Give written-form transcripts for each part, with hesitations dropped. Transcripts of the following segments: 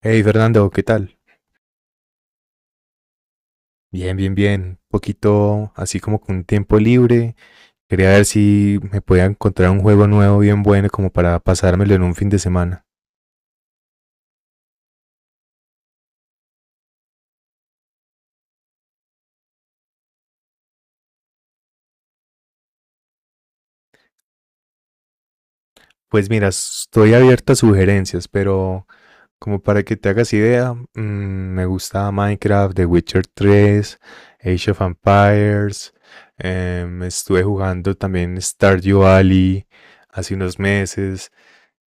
Hey Fernando, ¿qué tal? Bien, bien, bien. Un poquito así como con tiempo libre. Quería ver si me podía encontrar un juego nuevo bien bueno como para pasármelo en un fin de semana. Pues mira, estoy abierto a sugerencias, pero como para que te hagas idea, me gusta Minecraft, The Witcher 3, Age of Empires. Estuve jugando también Stardew Valley hace unos meses.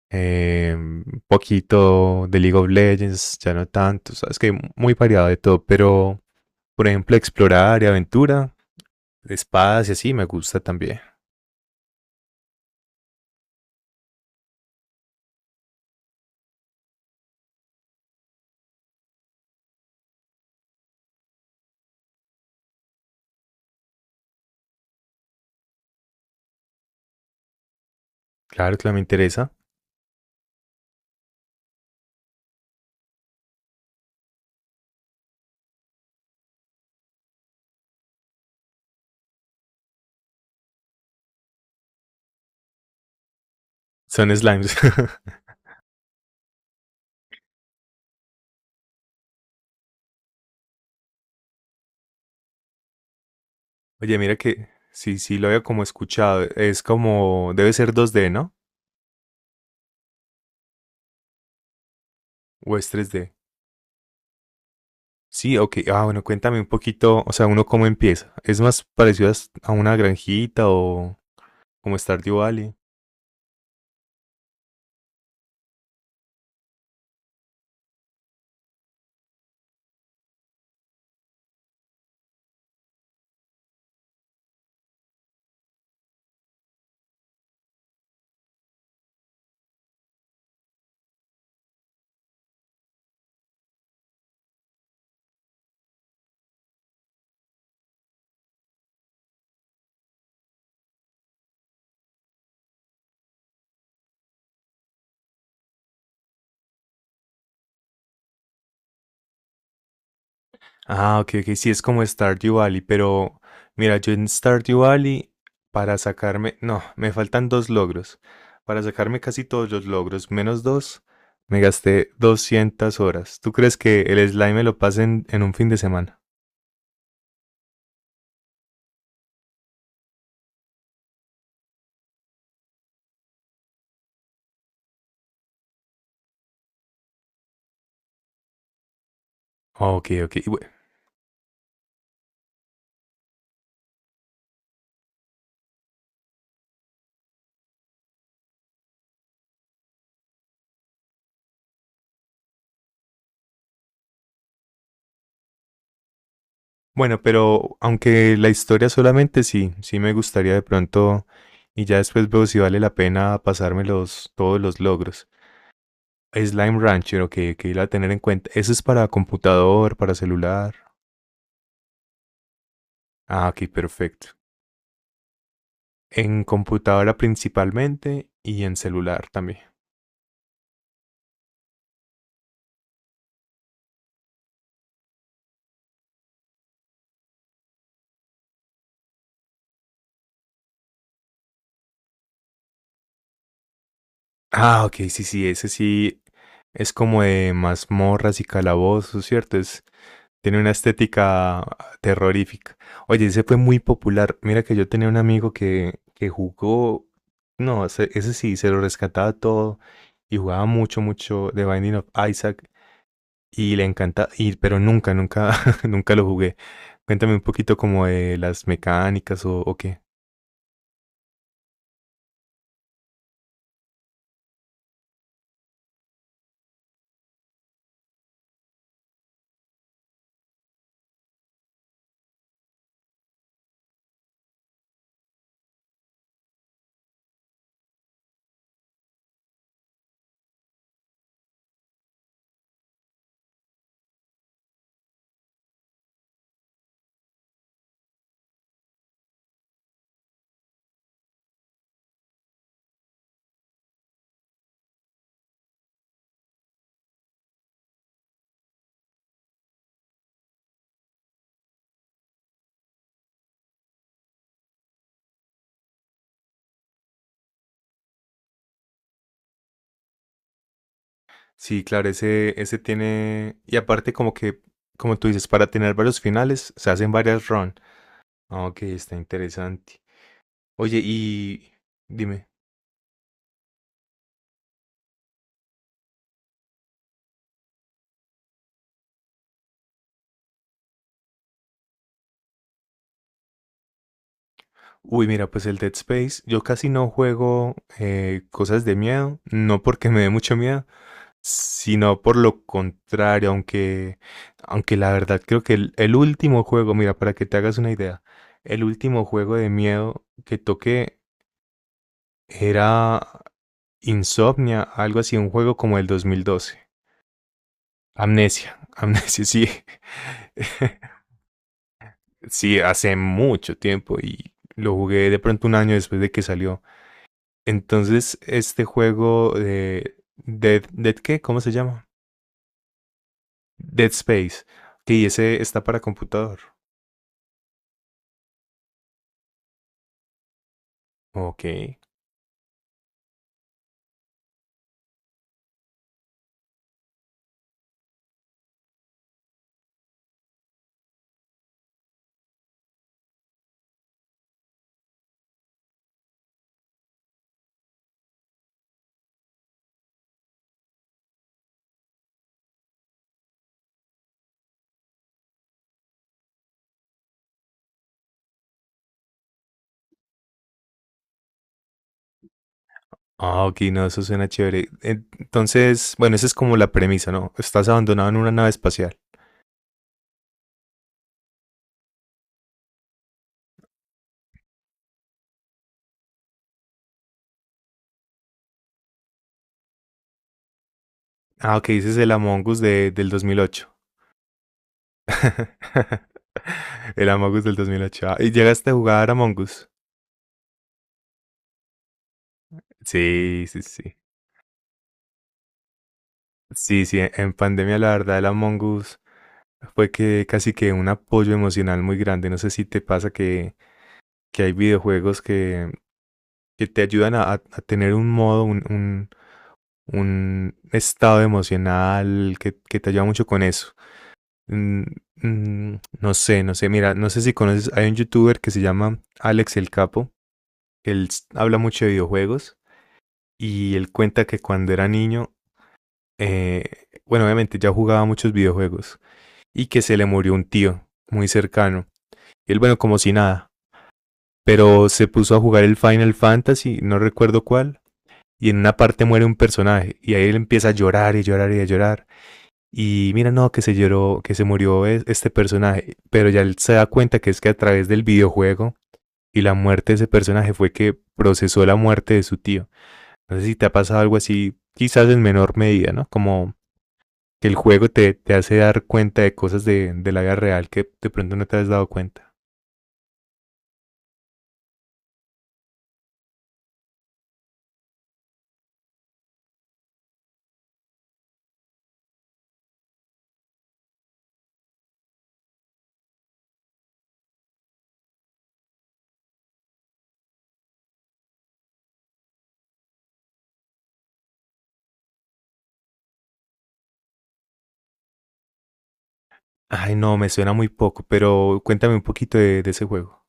Un poquito de League of Legends, ya no tanto, sabes, que muy variado de todo, pero por ejemplo explorar y aventura, espadas y así me gusta también. Claro que me interesa. Son slimes. Oye, mira que sí, lo había como escuchado. Es como, debe ser 2D, ¿no? ¿O es 3D? Sí, ok. Ah, bueno, cuéntame un poquito, o sea, uno cómo empieza. ¿Es más parecido a a una granjita o como Stardew Valley? Ah, ok, ok, sí, es como Stardew Valley, pero mira, yo en Stardew Valley, para sacarme, no, me faltan dos logros. Para sacarme casi todos los logros, menos dos, me gasté 200 horas. ¿Tú crees que el slime me lo pase en, un fin de semana? Ok, ok. Bueno, pero aunque la historia solamente, sí, sí me gustaría de pronto, y ya después veo si vale la pena pasarme todos los logros. Slime Rancher, ok, ok, la tener en cuenta. ¿Eso es para computador, para celular? Ah, ok, perfecto. En computadora principalmente y en celular también. Ah, ok, sí, sí, ese sí es como de mazmorras y calabozos, ¿cierto? Tiene una estética terrorífica. Oye, ese fue muy popular. Mira que yo tenía un amigo que jugó, no, ese sí, se lo rescataba todo y jugaba mucho, mucho The Binding of Isaac y le encanta, y, pero nunca, nunca, nunca lo jugué. Cuéntame un poquito como de las mecánicas o qué. Sí, claro, ese tiene. Y aparte, como tú dices, para tener varios finales se hacen varias runs. Ah, ok, está interesante. Oye, y dime. Uy, mira, pues el Dead Space, yo casi no juego cosas de miedo, no porque me dé mucho miedo, sino por lo contrario, aunque la verdad creo que el último juego, mira, para que te hagas una idea, el último juego de miedo que toqué era Insomnia, algo así, un juego como el 2012. Amnesia, Amnesia, sí. Sí, hace mucho tiempo y lo jugué de pronto un año después de que salió. Entonces, este juego de Dead, ¿qué? ¿Cómo se llama? Dead Space. Sí, ese está para computador. Ok. Ah, ok, no, eso suena chévere. Entonces, bueno, esa es como la premisa, ¿no? Estás abandonado en una nave espacial. Ah, ok, ese es el Among Us del 2008. El Among Us del 2008. Ah, ¿y llegaste a jugar Among Us? Sí, sí, sí. Sí, sí, en pandemia, la verdad, el Among Us fue que casi que un apoyo emocional muy grande. No sé si te pasa que hay videojuegos que te ayudan a, a tener un modo, un estado emocional que te ayuda mucho con eso. Mm, mm, no sé, no sé. Mira, no sé si conoces, hay un youtuber que se llama Alex el Capo. Habla mucho de videojuegos y él cuenta que cuando era niño, bueno, obviamente ya jugaba muchos videojuegos y que se le murió un tío muy cercano. Y él, bueno, como si nada, pero se puso a jugar el Final Fantasy, no recuerdo cuál, y en una parte muere un personaje y ahí él empieza a llorar y llorar y a llorar. Y mira, no, que se lloró, que se murió este personaje, pero ya él se da cuenta que es que a través del videojuego y la muerte de ese personaje fue que procesó la muerte de su tío. No sé si te ha pasado algo así, quizás en menor medida, ¿no? Como que el juego te, te hace dar cuenta de cosas de la vida real que de pronto no te has dado cuenta. Ay, no, me suena muy poco, pero cuéntame un poquito de ese juego.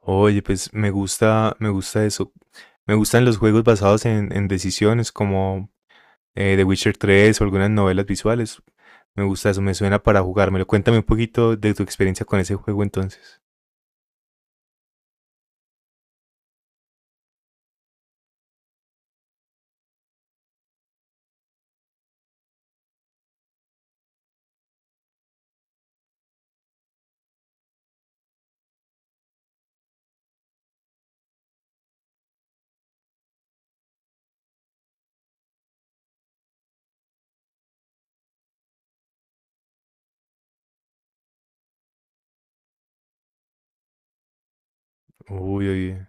Oye, pues me gusta eso. Me gustan los juegos basados en decisiones como The Witcher 3 o algunas novelas visuales. Me gusta eso, me suena para jugármelo. Cuéntame un poquito de tu experiencia con ese juego entonces. Uy, oye,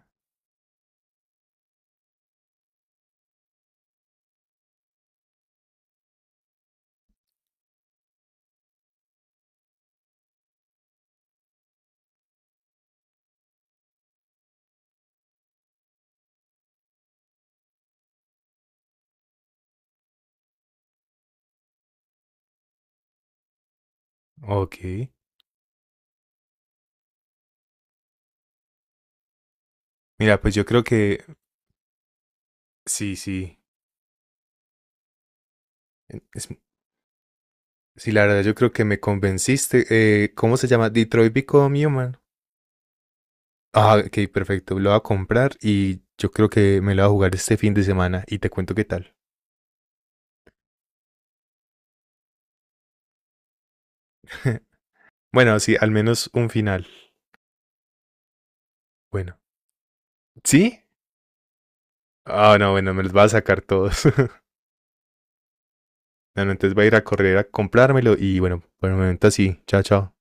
ok. Mira, pues yo creo que sí, sí. Es, Sí, la verdad, yo creo que me convenciste. ¿Cómo se llama? Detroit Become Human. Ah, ok, perfecto. Lo voy a comprar y yo creo que me lo voy a jugar este fin de semana y te cuento qué tal. Bueno, sí, al menos un final. Bueno. ¿Sí? Ah, no, bueno, me los va a sacar todos. No, no, entonces voy a ir a correr a comprármelo y bueno, por el momento así. Chao, chao.